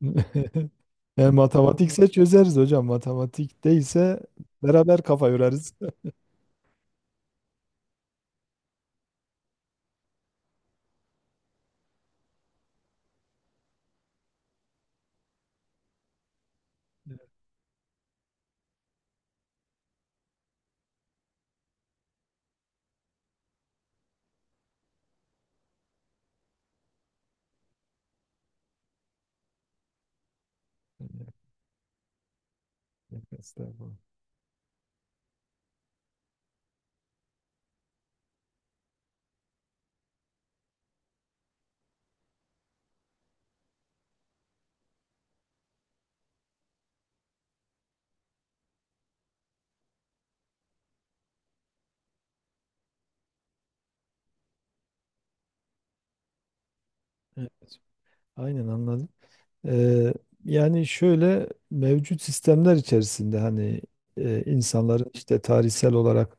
Matematikse çözeriz hocam. Matematik değilse beraber kafa yorarız. Yok, yok, estağfurullah. Evet, aynen anladım. Ee, Yani şöyle mevcut sistemler içerisinde hani insanların işte tarihsel olarak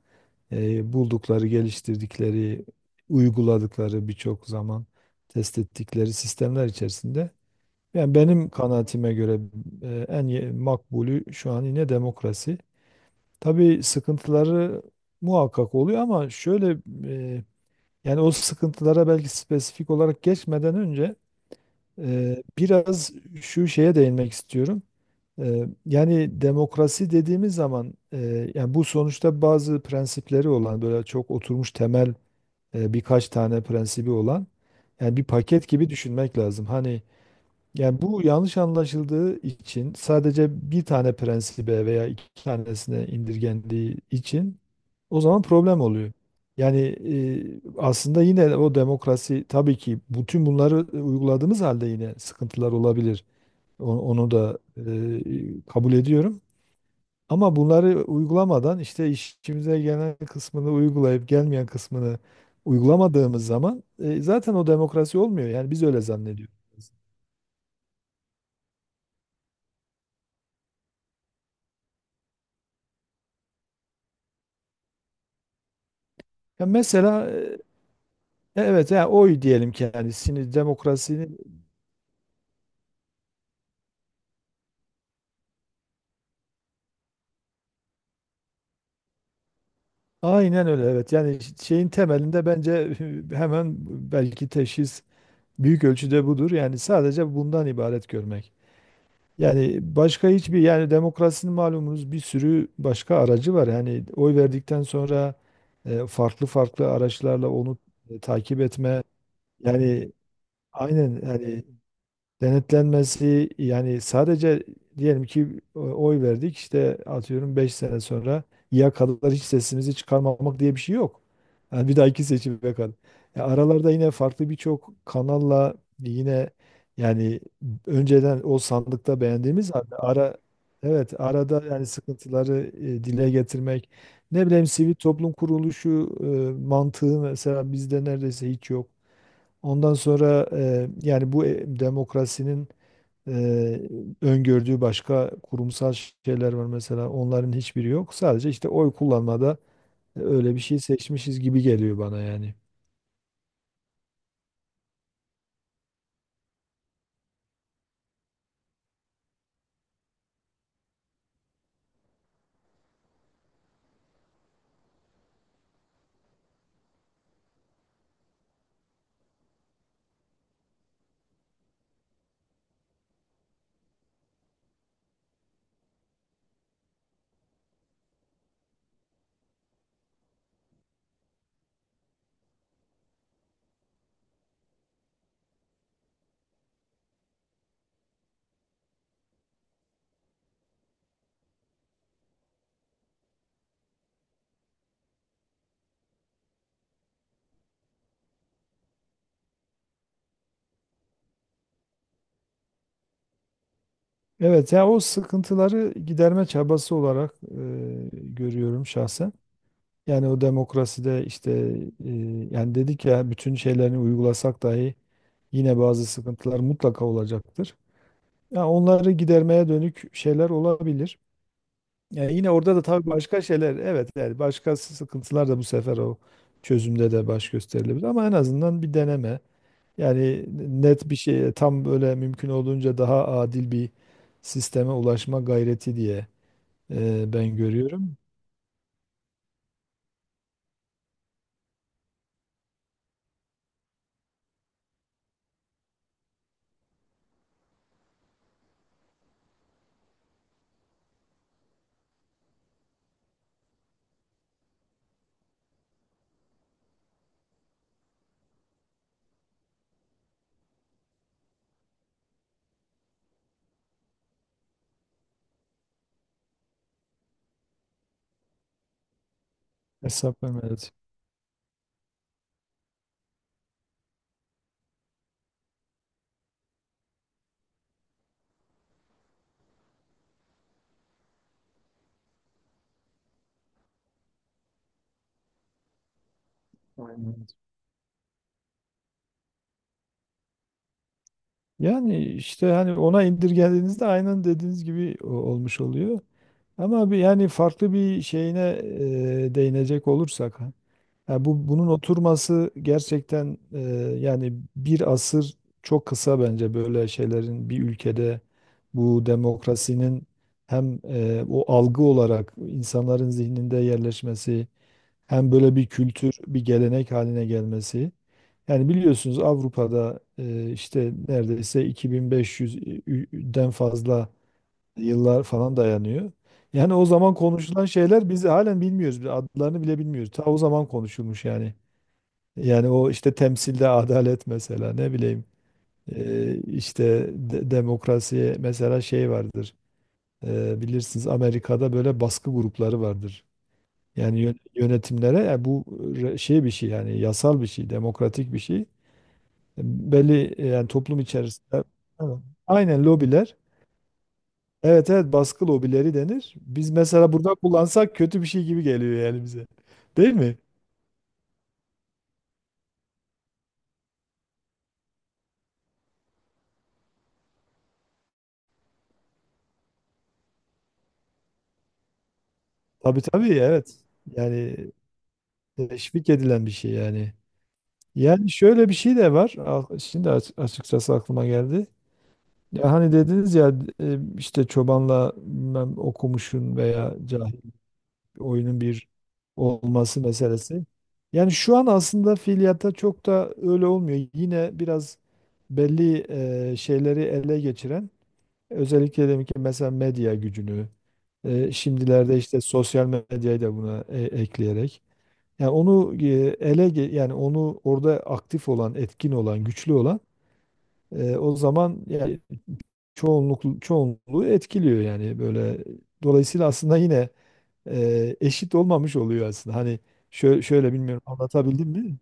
buldukları, geliştirdikleri, uyguladıkları birçok zaman test ettikleri sistemler içerisinde yani benim kanaatime göre makbulü şu an yine demokrasi. Tabii sıkıntıları muhakkak oluyor ama şöyle e, yani o sıkıntılara belki spesifik olarak geçmeden önce biraz şu şeye değinmek istiyorum. Yani demokrasi dediğimiz zaman yani bu sonuçta bazı prensipleri olan böyle çok oturmuş temel birkaç tane prensibi olan yani bir paket gibi düşünmek lazım. Hani yani bu yanlış anlaşıldığı için sadece bir tane prensibe veya iki tanesine indirgendiği için o zaman problem oluyor. Yani aslında yine o demokrasi tabii ki bütün bunları uyguladığımız halde yine sıkıntılar olabilir. O- Onu da kabul ediyorum. Ama bunları uygulamadan işte işimize gelen kısmını uygulayıp gelmeyen kısmını uygulamadığımız zaman zaten o demokrasi olmuyor. Yani biz öyle zannediyoruz. Ya mesela evet yani oy diyelim kendisini demokrasinin aynen öyle, evet, yani şeyin temelinde bence. Hemen belki teşhis büyük ölçüde budur yani sadece bundan ibaret görmek. Yani başka hiçbir yani demokrasinin malumunuz bir sürü başka aracı var yani oy verdikten sonra farklı farklı araçlarla onu takip etme yani aynen yani denetlenmesi yani sadece diyelim ki oy verdik işte atıyorum 5 sene sonra ya kadar hiç sesimizi çıkarmamak diye bir şey yok. Yani bir dahaki seçime kadar. Ya aralarda yine farklı birçok kanalla yine yani önceden o sandıkta beğendiğimiz halde ara, evet, arada yani sıkıntıları dile getirmek, ne bileyim sivil toplum kuruluşu mantığı mesela bizde neredeyse hiç yok. Ondan sonra yani bu demokrasinin Eee, öngördüğü başka kurumsal şeyler var, mesela onların hiçbiri yok. Sadece işte oy kullanmada öyle bir şey seçmişiz gibi geliyor bana yani. Evet, ya o sıkıntıları giderme çabası olarak görüyorum şahsen. Yani o demokraside işte yani dedik ya bütün şeylerini uygulasak dahi yine bazı sıkıntılar mutlaka olacaktır. Ya onları gidermeye dönük şeyler olabilir. Yani yine orada da tabii başka şeyler, evet, yani başka sıkıntılar da bu sefer o çözümde de baş gösterilebilir ama en azından bir deneme. Yani net bir şey tam böyle mümkün olduğunca daha adil bir sisteme ulaşma gayreti diye ben görüyorum. Hesap verme, evet. Aynen. Yani işte hani ona indirgediğinizde aynen dediğiniz gibi olmuş oluyor. Ama bir, yani farklı bir şeyine değinecek olursak, ya bu bunun oturması gerçekten yani bir asır çok kısa bence böyle şeylerin bir ülkede, bu demokrasinin hem o algı olarak insanların zihninde yerleşmesi, hem böyle bir kültür, bir gelenek haline gelmesi. Yani biliyorsunuz Avrupa'da işte neredeyse 2500'den fazla yıllar falan dayanıyor. Yani o zaman konuşulan şeyler biz halen bilmiyoruz. Biz adlarını bile bilmiyoruz. Ta o zaman konuşulmuş yani. Yani o işte temsilde adalet mesela, ne bileyim. Demokrasi mesela şey vardır. Bilirsiniz Amerika'da böyle baskı grupları vardır. Yani yönetimlere yani bu şey bir şey yani yasal bir şey, demokratik bir şey. Belli yani toplum içerisinde. Tamam, aynen, lobiler. Evet evet, baskı lobileri denir. Biz mesela burada kullansak kötü bir şey gibi geliyor yani bize. Değil mi? Tabii tabii, evet. Yani teşvik edilen bir şey yani. Yani şöyle bir şey de var. Şimdi açıkçası aklıma geldi. Ya hani dediniz ya işte çobanla bilmem okumuşun veya cahil bir oyunun bir olması meselesi. Yani şu an aslında fiiliyatta çok da öyle olmuyor. Yine biraz belli şeyleri ele geçiren, özellikle demek ki mesela medya gücünü, şimdilerde işte sosyal medyayı da buna ekleyerek, yani onu yani onu orada aktif olan, etkin olan, güçlü olan, o zaman yani çoğunluk çoğunluğu etkiliyor yani böyle. Dolayısıyla aslında yine eşit olmamış oluyor aslında. Hani şöyle, bilmiyorum, anlatabildim mi?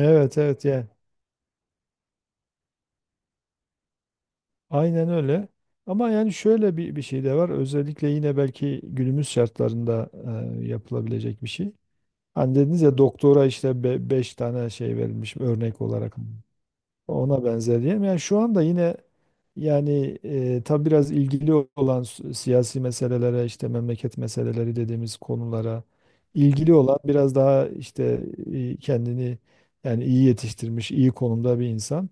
Evet evet yani. Aynen öyle. Ama yani şöyle bir şey de var. Özellikle yine belki günümüz şartlarında yapılabilecek bir şey. Hani dediniz ya doktora işte 5 tane şey verilmiş örnek olarak. Ona benzer diyelim. Yani şu anda yine yani tabii biraz ilgili olan siyasi meselelere, işte memleket meseleleri dediğimiz konulara ilgili olan biraz daha işte kendini yani iyi yetiştirmiş, iyi konumda bir insan.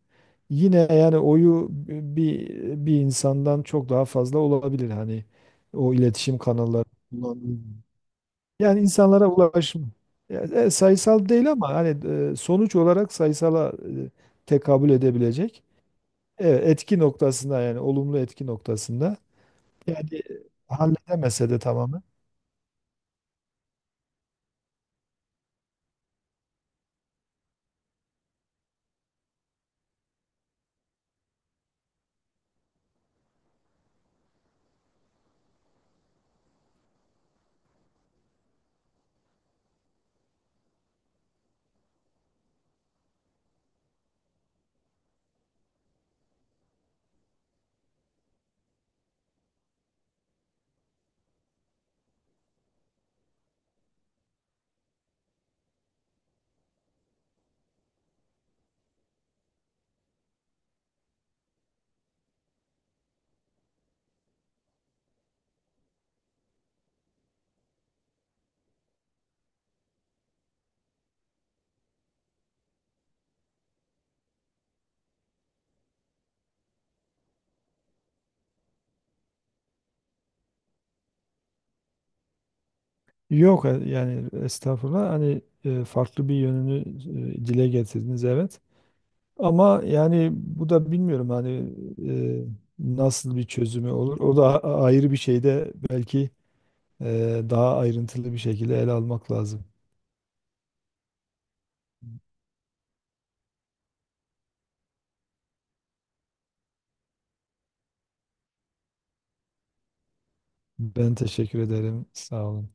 Yine yani oyu bir insandan çok daha fazla olabilir hani o iletişim kanalları kullandığı. Yani insanlara ulaşım, ya, sayısal değil ama hani sonuç olarak sayısala tekabül edebilecek. Evet, etki noktasında yani olumlu etki noktasında. Yani halledemese de tamamen. Yok yani estağfurullah, hani farklı bir yönünü dile getirdiniz, evet. Ama yani bu da bilmiyorum hani nasıl bir çözümü olur. O da ayrı bir şeyde belki daha ayrıntılı bir şekilde ele almak lazım. Ben teşekkür ederim. Sağ olun.